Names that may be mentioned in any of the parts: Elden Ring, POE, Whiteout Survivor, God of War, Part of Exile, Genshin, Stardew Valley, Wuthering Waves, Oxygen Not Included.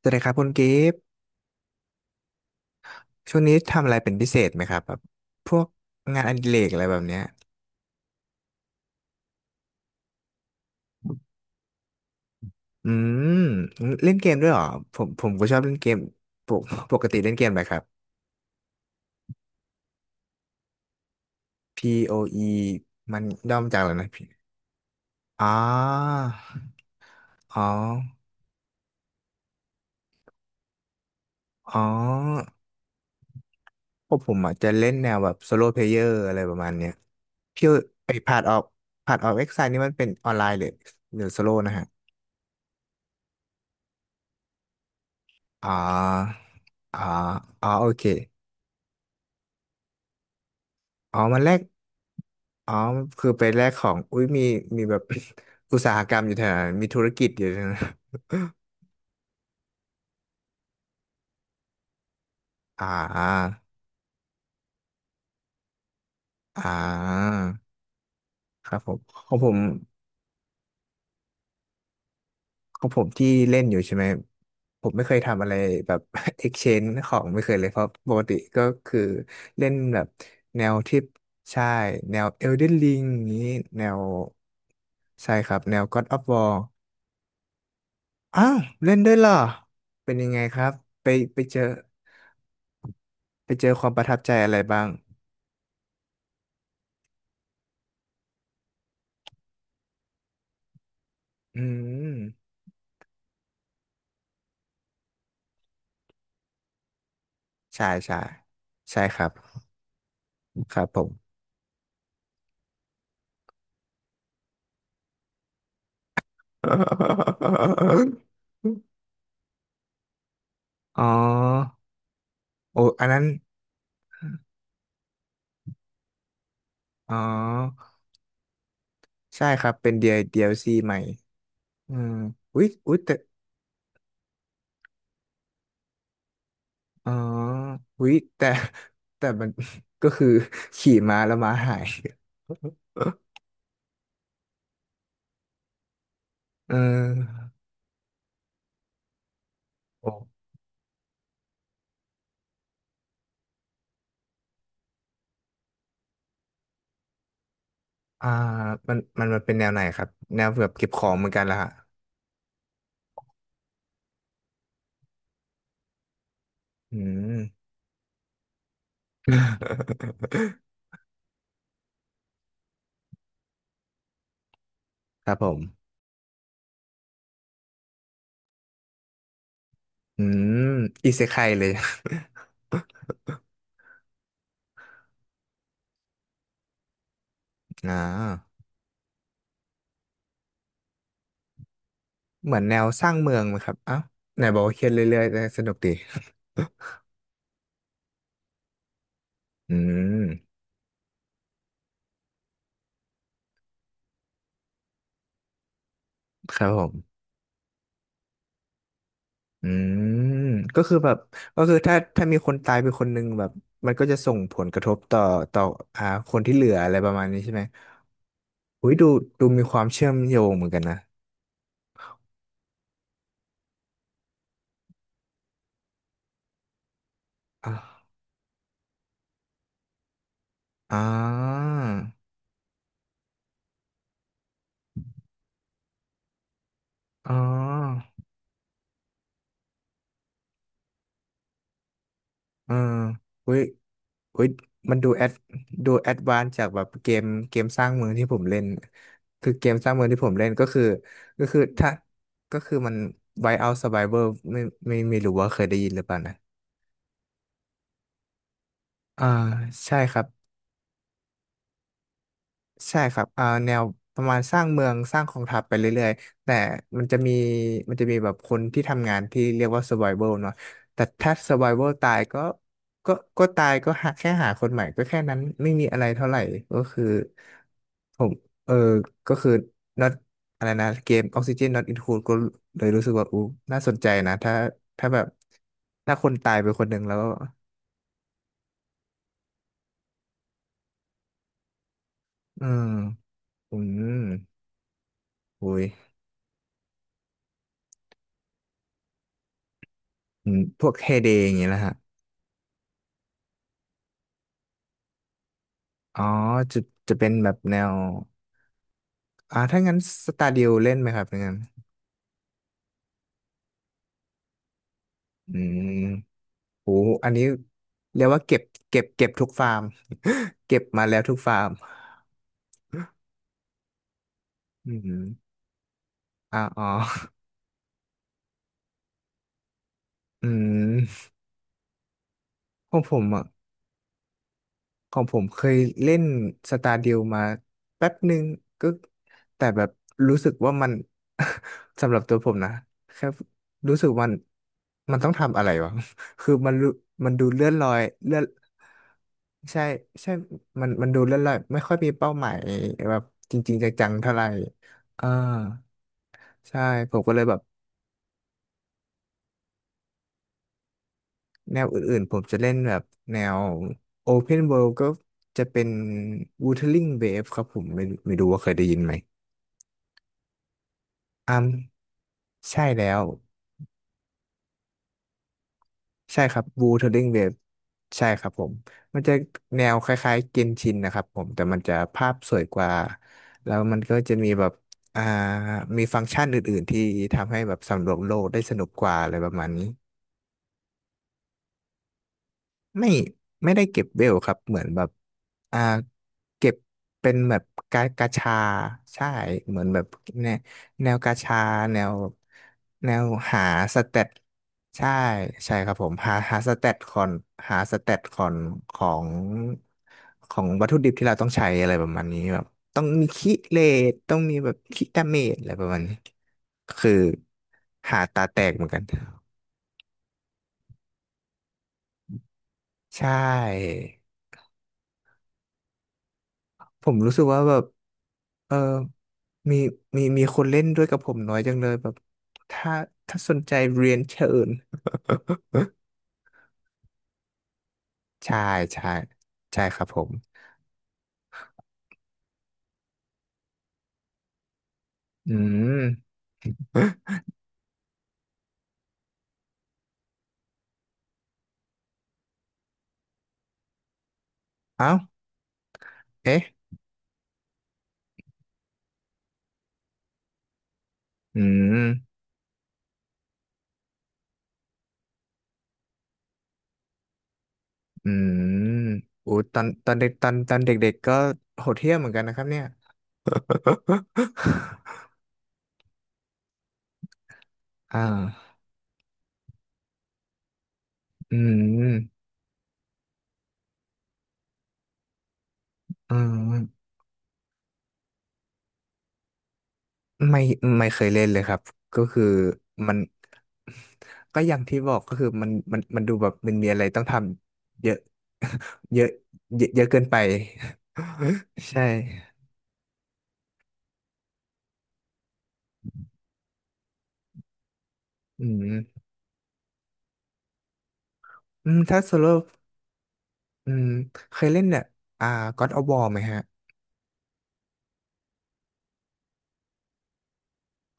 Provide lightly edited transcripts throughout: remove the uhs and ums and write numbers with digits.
สวัสดีครับคุณกิฟต์ช่วงนี้ทำอะไรเป็นพิเศษไหมครับแบบพวกงานอดิเรกอะไรแบบเนี้ยอืมเล่นเกมด้วยเหรอผมก็ชอบเล่นเกมปกปกติเล่นเกมอะไรครับ POE มันย่อมาจากอะไรนะพี่อ๋ออ๋ออ๋อพวกผมอาจจะเล่นแนวแบบโซโลเพลเยอร์อะไรประมาณเนี้ยพี่ไอ้พาร์ทออฟพาร์ทออฟเอ็กไซนี่มันเป็นออนไลน์หรือหรือโซโลนะฮะอ๋ออ๋ออ๋อโอเคอ๋อมันแลก อ๋อ คือไปแลกของ อุ้ยมีมีแบบ อุตสาหกรรมอยู่แถวนั้นมีธุรกิจอยู่แถวนั้น อ่าอ่าครับผมของผมที่เล่นอยู่ใช่ไหม ผมไม่เคยทำอะไรแบบ exchange ของไม่เคยเลยเพราะปกติก็คือเล่นแบบแนวที่ใช่แนว Elden Ring อย่างนี้แนวใช่ครับแนว God of War อ้าวเล่นด้วยเหรอเป็นยังไงครับไปไปเจอไปเจอความประทับใจอะไรบ้าง อืมใช่ใช่ใช่ครับครับผมอ๋อโอ้อันนั้นอ๋อใช่ครับเป็น DL- d ซ c ใหม่อืมอุ๊ยอุ๊ยแต่อ๋ออุ๊ยแต่แต่มัน ก็คือ ขี่ม้าแล้วม้าหาย เออโอ้อ่ามันมันเป็นแนวไหนครับแนวแบบเก็บของเหมือนกันละฮะอืม ครับผมอืมอิเซไคเลย อ่าเหมือนแนวสร้างเมืองไหมครับอ้าวไหนบอกว่าเครียดเรื่อยๆแต่สนุกดี อืมครับผมอืมก็คือแบบก็คือถ้ามีคนตายไปคนหนึ่งแบบมันก็จะส่งผลกระทบต่อต่ออ่าคนที่เหลืออะไรประมาณนี้ใช่ไหมอุ้ยดูดูมีความเชื่อมโยงเหมือนกันนะอ่าอ่าอ๋อเอออุ้ย อุ้ยมันดูแอดดูแอดวานจากแบบเกมเกมสร้างเมืองที่ผมเล่นคือเกมสร้างเมืองที่ผมเล่นก็คือก็คือถ้าก็คือมัน Whiteout Survivor ไม่ไม่รู้ว่าเคยได้ยินหรือเปล่านะอ่าใช่ครับ ใช่ครับอ่าแนวประมาณสร้างเมืองสร้างกองทัพไปเรื่อยๆ แต่มันจะมีมันจะมีแบบคนที่ทำงานที่เรียกว่า survival เนาะแต่ถ้า survival ตายก็ก็ก็ตายก็หาแค่หาคนใหม่ก็แค่นั้นไม่มีอะไรเท่าไหร่ก็คือผมเออก็คือ not อะไรนะเกม Oxygen Not Include ก็เลยรู้สึกว่าอู้น่าสนใจนะถ้าถ้าแบบถ้าคนตายไปคนหนึ่งแล้วอืมอืมโอ้ยอืมพวกเฮเดย์อย่างเงี้ยนะฮะ อ๋อจะจะเป็นแบบแนวอ่าถ้างั้นสตาร์ดิวเล่นไหมครับงั้นอืมโหอันนี้เรียกว่าเก็บเก็บเก็บทุกฟาร์ม เก็บมาแล้วทุกฟาร์มอืมอ่าอ๋ออืมของผมอ่ะ ของผมเคยเล่นสตาร์ดิวมาแป๊บหนึ่งก็แต่แบบรู้สึกว่ามัน สำหรับตัวผมนะแค่รู้สึกมันต้องทำอะไรวะ คือมันรู้มันดูเลื่อนลอยเลื่อนใช่ใช่มันดูเลื่อนลอยไม่ค่อยมีเป้าหมายแบบจริงๆจังๆเท่าไหร่อ่าใช่ผมก็เลยแบบแนวอื่นๆผมจะเล่นแบบแนว Open World ก็จะเป็น Wuthering Waves ครับผมไม่รู้ว่าเคยได้ยินไหม อ่าใช่แล้วใช่ครับบูเทอร์ลิงเวฟใช่ครับผมมันจะแนวคล้ายๆเกนชินนะครับผมแต่มันจะภาพสวยกว่าแล้วมันก็จะมีแบบอ่ามีฟังก์ชันอื่นๆที่ทำให้แบบสำรวจโลกได้สนุกกว่าอะไรประมาณนี้ ไม่ได้เก็บเวลครับเหมือนแบบอ่าเก็บเป็นแบบกากาชาใช่เหมือนแบบแนวแนวกาชาแนวแนวหาสเตตใช่ใช่ครับผมหาหาสเตตคอนหาสเตตคอนของของวัตถุดิบที่เราต้องใช้อะไรประมาณนี้แบบต้องมีคิเลตต้องมีแบบคิดาเมจอะไรประมาณนี้คือหาตาแตกเหมือนกันใช่ ผมรู้สึกว่าแบบเออมีคนเล่นด้วยกับผมน้อยจังเลยแบบถ้าถ้าสนใจเรียนเชิญ ใช่ใช่ ใช่ครับผมอืมเอ้า เอ๊ะ อืมอืมอู้ตอนตอนเด็กตอนตอนเด็กๆ ก็โหดเหี้ยมเหมือนกันนะครับเนี่ย อ่าอืมอืมไม่เคยเล่นเลยครับ ก็คือมัน ก็อย่างที่บอกก็คือมันดูแบบมันมีอะไรต้องทำเยอะ เยอะเยอะเยอะเกินไป ใช่อืมอืมถ้าโซโล่อืมเคยเล่นเนี่ยอ่า God of War ไหมฮะ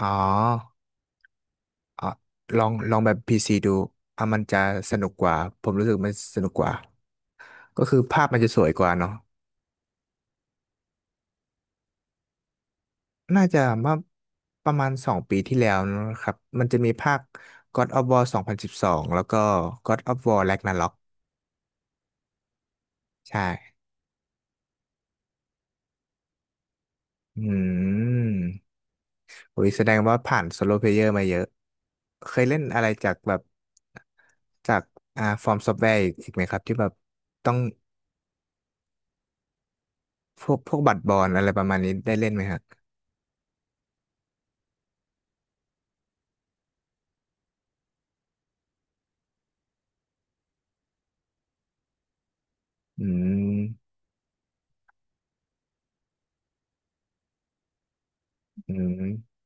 อ๋ออ่ะลองแบบ PC ดูอ่ะมันจะสนุกกว่าผมรู้สึกมันสนุกกว่าก็คือภาพมันจะสวยกว่าเนาะน่าจะเมื่อประมาณสองปีที่แล้วนะครับมันจะมีภาค God of War 2012แล้วก็ God of War Ragnarok ใช่ อืมโอ้ยแสดงว่าผ่านโซโลเพลเยอร์มาเยอะ เคยเล่นอะไรจากแบบจากอ่าฟอร์มซอฟต์แวร์อีกไหมครับที่แบบต้องพวกบัตรบอลอะไรประมาณนี้ได้เล่นไหมครับอืมอืม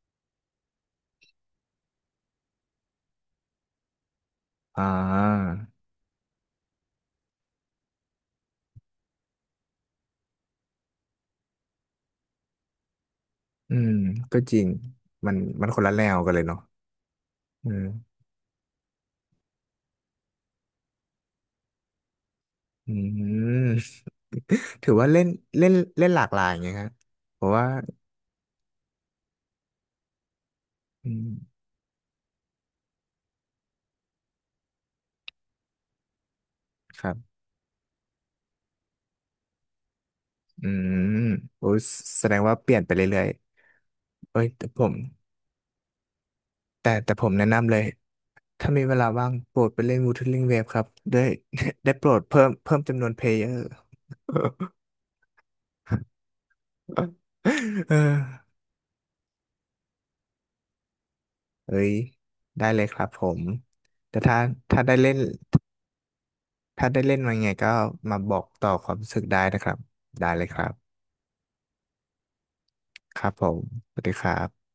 อ่าอืมก็จริงมันมันคนละแนวกันเลยเนาะอืมอืม ถือว่าเล่นเล่นเล่นหลากหลายไงครับเพราะว่าอืมครับอืมโอ้ยแสดงว่าเปลี่ยนไปเรื่อยๆเอ้ยแต่ผม แต่ผมแนะนำเลยถ้ามีเวลาว่างโปรดไปเล่น Wuthering Waves ครับได้ ได้โปรดเพิ่มจำนวนเพลเยอร์ เออเฮ้ยได้เลยครับผมแต่ถ้าถ้าได้เล่นมาังไงก็มาบอกต่อความรู้สึกได้นะครับได้เลยครับครับผมสวัสดีครับ